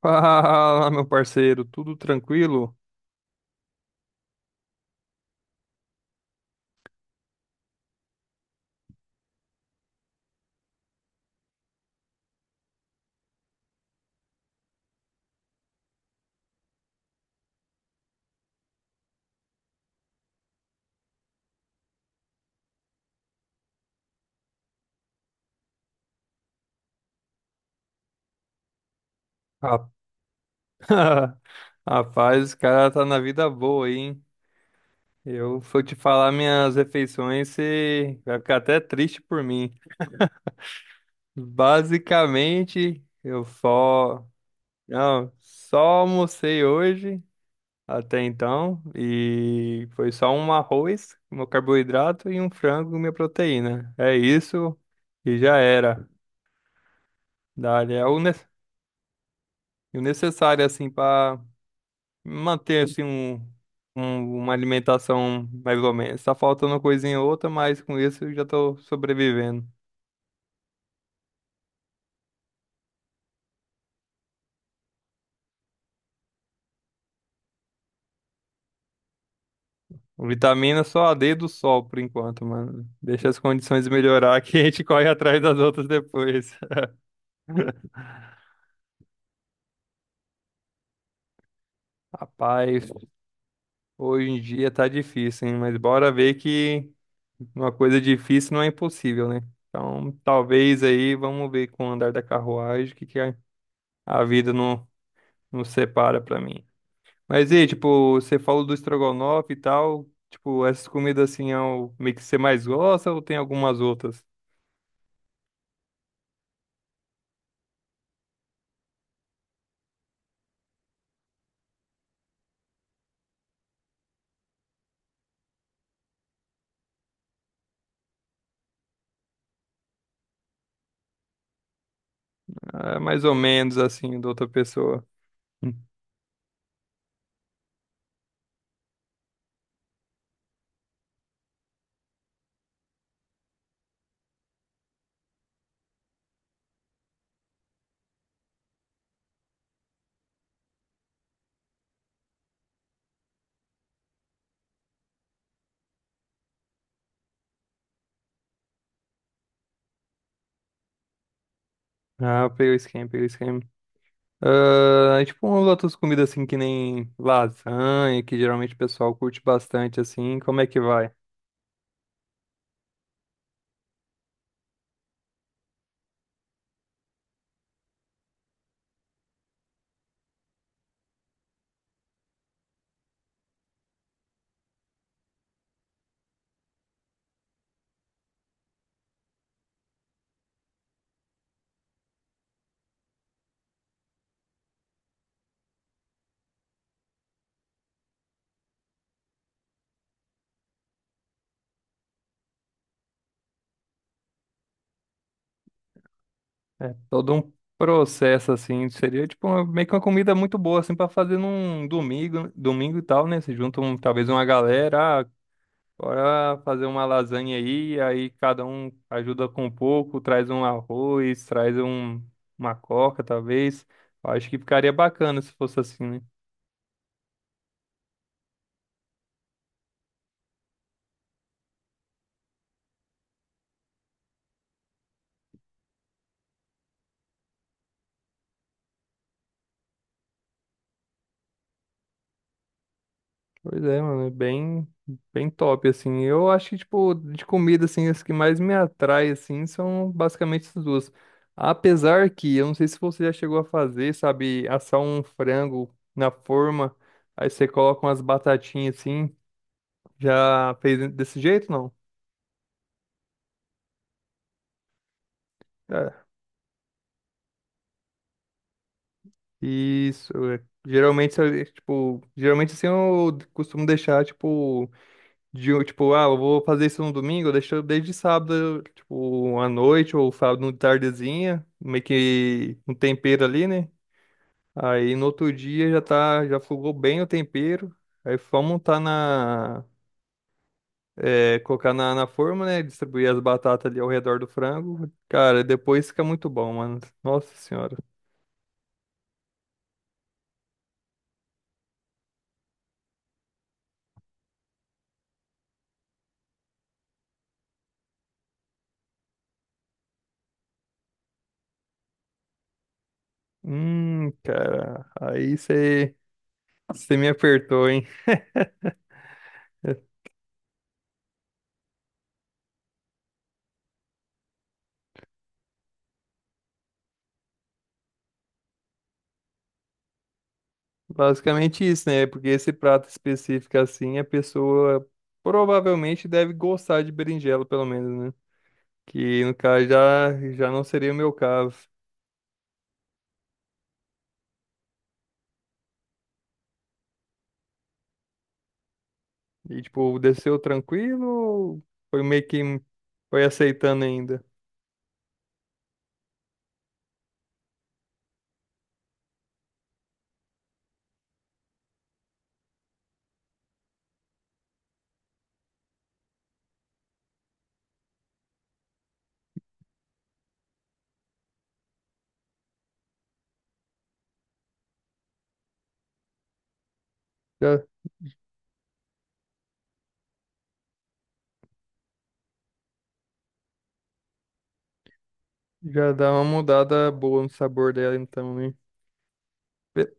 Fala, meu parceiro, tudo tranquilo? Ra- Rapaz, esse cara tá na vida boa, aí, hein? Eu for te falar minhas refeições, você vai ficar até triste por mim. Basicamente, eu só, não, só almocei hoje até então e foi só um arroz, meu carboidrato e um frango, minha proteína. É isso e já era. Dali é o ne- O necessário assim para manter assim uma alimentação mais ou menos. Tá faltando uma coisinha ou outra, mas com isso eu já tô sobrevivendo. Vitamina só a D do sol por enquanto, mano. Deixa as condições melhorar que a gente corre atrás das outras depois. Rapaz, hoje em dia tá difícil, hein? Mas bora ver que uma coisa difícil não é impossível, né? Então, talvez aí, vamos ver com o andar da carruagem o que que a vida não nos separa pra mim. Mas e, aí, tipo, você falou do estrogonofe e tal, tipo, essas comidas assim é o meio que você mais gosta ou tem algumas outras? Ah, é mais ou menos assim, da outra pessoa. Hum. Ah, peguei o esquema, peguei o esquema. Ah, e, tipo, umas outras comidas assim que nem lasanha, que geralmente o pessoal curte bastante assim, como é que vai? É todo um processo assim, seria tipo meio que uma comida muito boa assim pra fazer num domingo, domingo e tal, né? Você junta um, talvez uma galera, ah, bora fazer uma lasanha aí, aí cada um ajuda com um pouco, traz um arroz, traz um, uma coca, talvez. Eu acho que ficaria bacana se fosse assim, né? Pois é, mano, é bem, bem top, assim. Eu acho que, tipo, de comida, assim, as que mais me atrai, assim, são basicamente essas duas. Apesar que, eu não sei se você já chegou a fazer, sabe, assar um frango na forma, aí você coloca umas batatinhas, assim, já fez desse jeito, não? Isso, é. Geralmente, se eu- tipo, geralmente assim eu costumo deixar, tipo, tipo, ah, eu vou fazer isso no domingo, eu deixo desde sábado, tipo, à noite ou sábado de tardezinha, meio que um tempero ali, né? Aí no outro dia já tá, já fogou bem o tempero, aí vamos montar na, é, colocar na forma, né? Distribuir as batatas ali ao redor do frango. Cara, depois fica muito bom, mano. Nossa senhora. Cara, aí você. Você me apertou, hein? É, basicamente isso, né? Porque esse prato específico assim, a pessoa provavelmente deve gostar de berinjela, pelo menos, né? Que no caso já, já não seria o meu caso. E tipo, desceu tranquilo ou foi meio que foi aceitando ainda? Já, já dá uma mudada boa no sabor dela, então, né? Pe-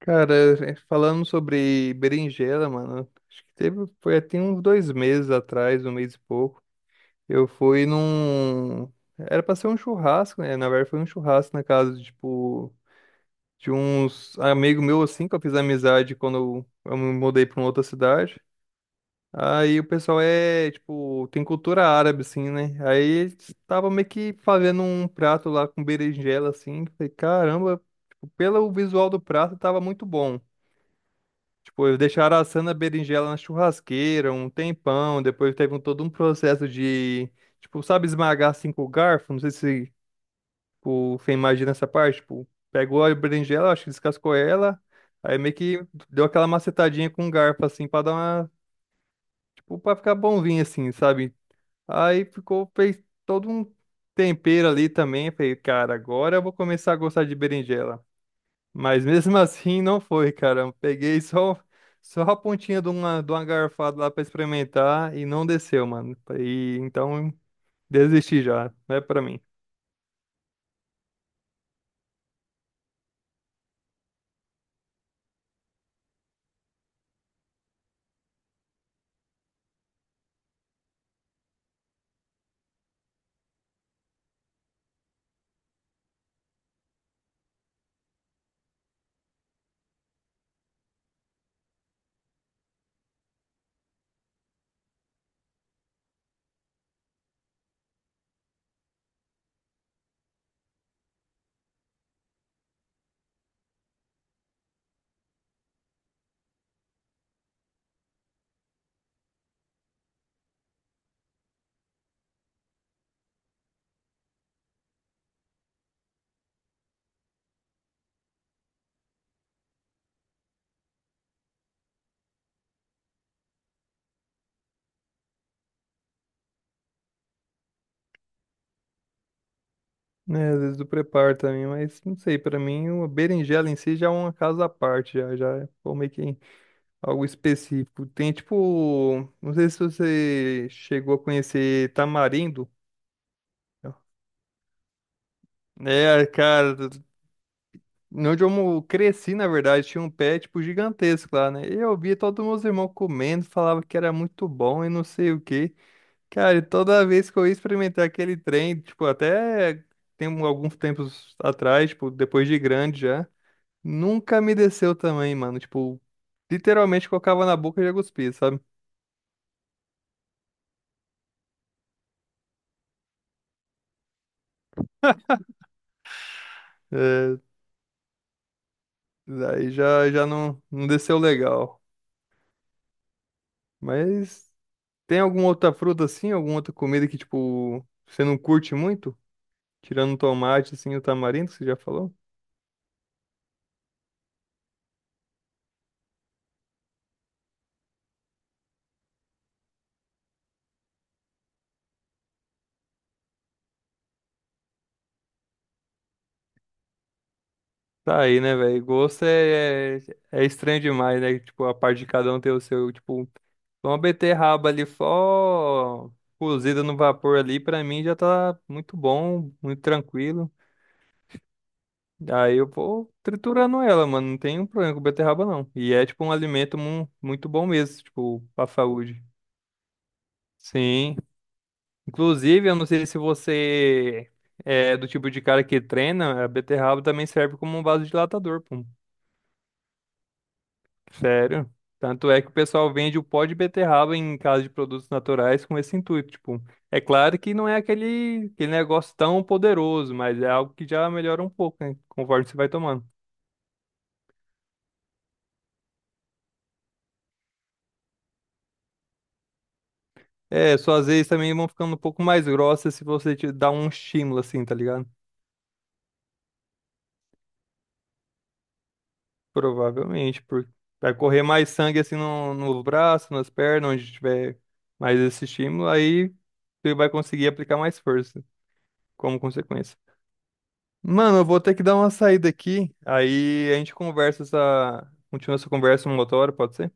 Cara, é, falando sobre berinjela, mano, acho que teve, foi até uns dois meses atrás, um mês e pouco. Eu fui num. Era pra ser um churrasco, né? Na verdade, foi um churrasco na casa, de, tipo, de uns amigo meu, assim, que eu fiz amizade quando eu me mudei pra uma outra cidade. Aí o pessoal é, tipo, tem cultura árabe, assim, né? Aí eles estavam meio que fazendo um prato lá com berinjela, assim. Falei, caramba, tipo, pelo visual do prato, tava muito bom. Tipo, eu deixaram assando a berinjela na churrasqueira um tempão, depois teve um, todo um processo de, tipo, sabe esmagar assim com o garfo? Não sei se o você imagina essa parte, tipo, pegou a berinjela, acho que descascou ela, aí meio que deu aquela macetadinha com o garfo assim pra dar uma, tipo, pra ficar bonzinho assim, sabe? Aí ficou, fez todo um tempero ali também, falei, cara, agora eu vou começar a gostar de berinjela. Mas mesmo assim não foi, cara. Eu peguei só, só a pontinha de uma garfada lá pra experimentar e não desceu, mano. E então desisti já, não é pra mim. Né, às vezes eu preparo também, mas não sei, pra mim uma berinjela em si já é uma casa à parte, já, já é pô, meio que algo específico. Tem tipo, não sei se você chegou a conhecer tamarindo. Né? É, cara, onde eu cresci, na verdade, tinha um pé, tipo, gigantesco lá, né? E eu via todos os meus irmãos comendo, falava que era muito bom e não sei o quê. Cara, e toda vez que eu ia experimentar aquele trem, tipo, alguns tempos atrás, tipo, depois de grande já, nunca me desceu também, mano. Tipo, literalmente colocava na boca e já cuspia, sabe? É, daí já, não desceu legal. Mas tem alguma outra fruta assim, alguma outra comida que, tipo, você não curte muito? Tirando o tomate, assim, o tamarindo, que você já falou? Tá aí, né, velho? Gosto é é estranho demais, né? Tipo, a parte de cada um ter o seu, tipo, uma beterraba ali só cozida no vapor ali, pra mim já tá muito bom, muito tranquilo. Aí eu vou triturando ela, mano. Não tem um problema com beterraba, não. E é, tipo, um alimento muito bom mesmo, tipo, pra saúde. Sim. Inclusive, eu não sei se você é do tipo de cara que treina, a beterraba também serve como um vasodilatador, pô. Sério. Tanto é que o pessoal vende o pó de beterraba em casa de produtos naturais com esse intuito. Tipo, é claro que não é aquele negócio tão poderoso, mas é algo que já melhora um pouco, né? Conforme você vai tomando. É, suas vezes também vão ficando um pouco mais grossas se você te dar um estímulo assim, tá ligado? Provavelmente, porque vai correr mais sangue assim no braço, nas pernas, onde tiver mais esse estímulo, aí você vai conseguir aplicar mais força como consequência. Mano, eu vou ter que dar uma saída aqui. Aí a gente conversa essa. Continua essa conversa numa outra hora, pode ser?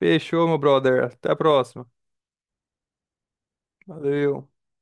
Fechou, meu brother. Até a próxima. Valeu.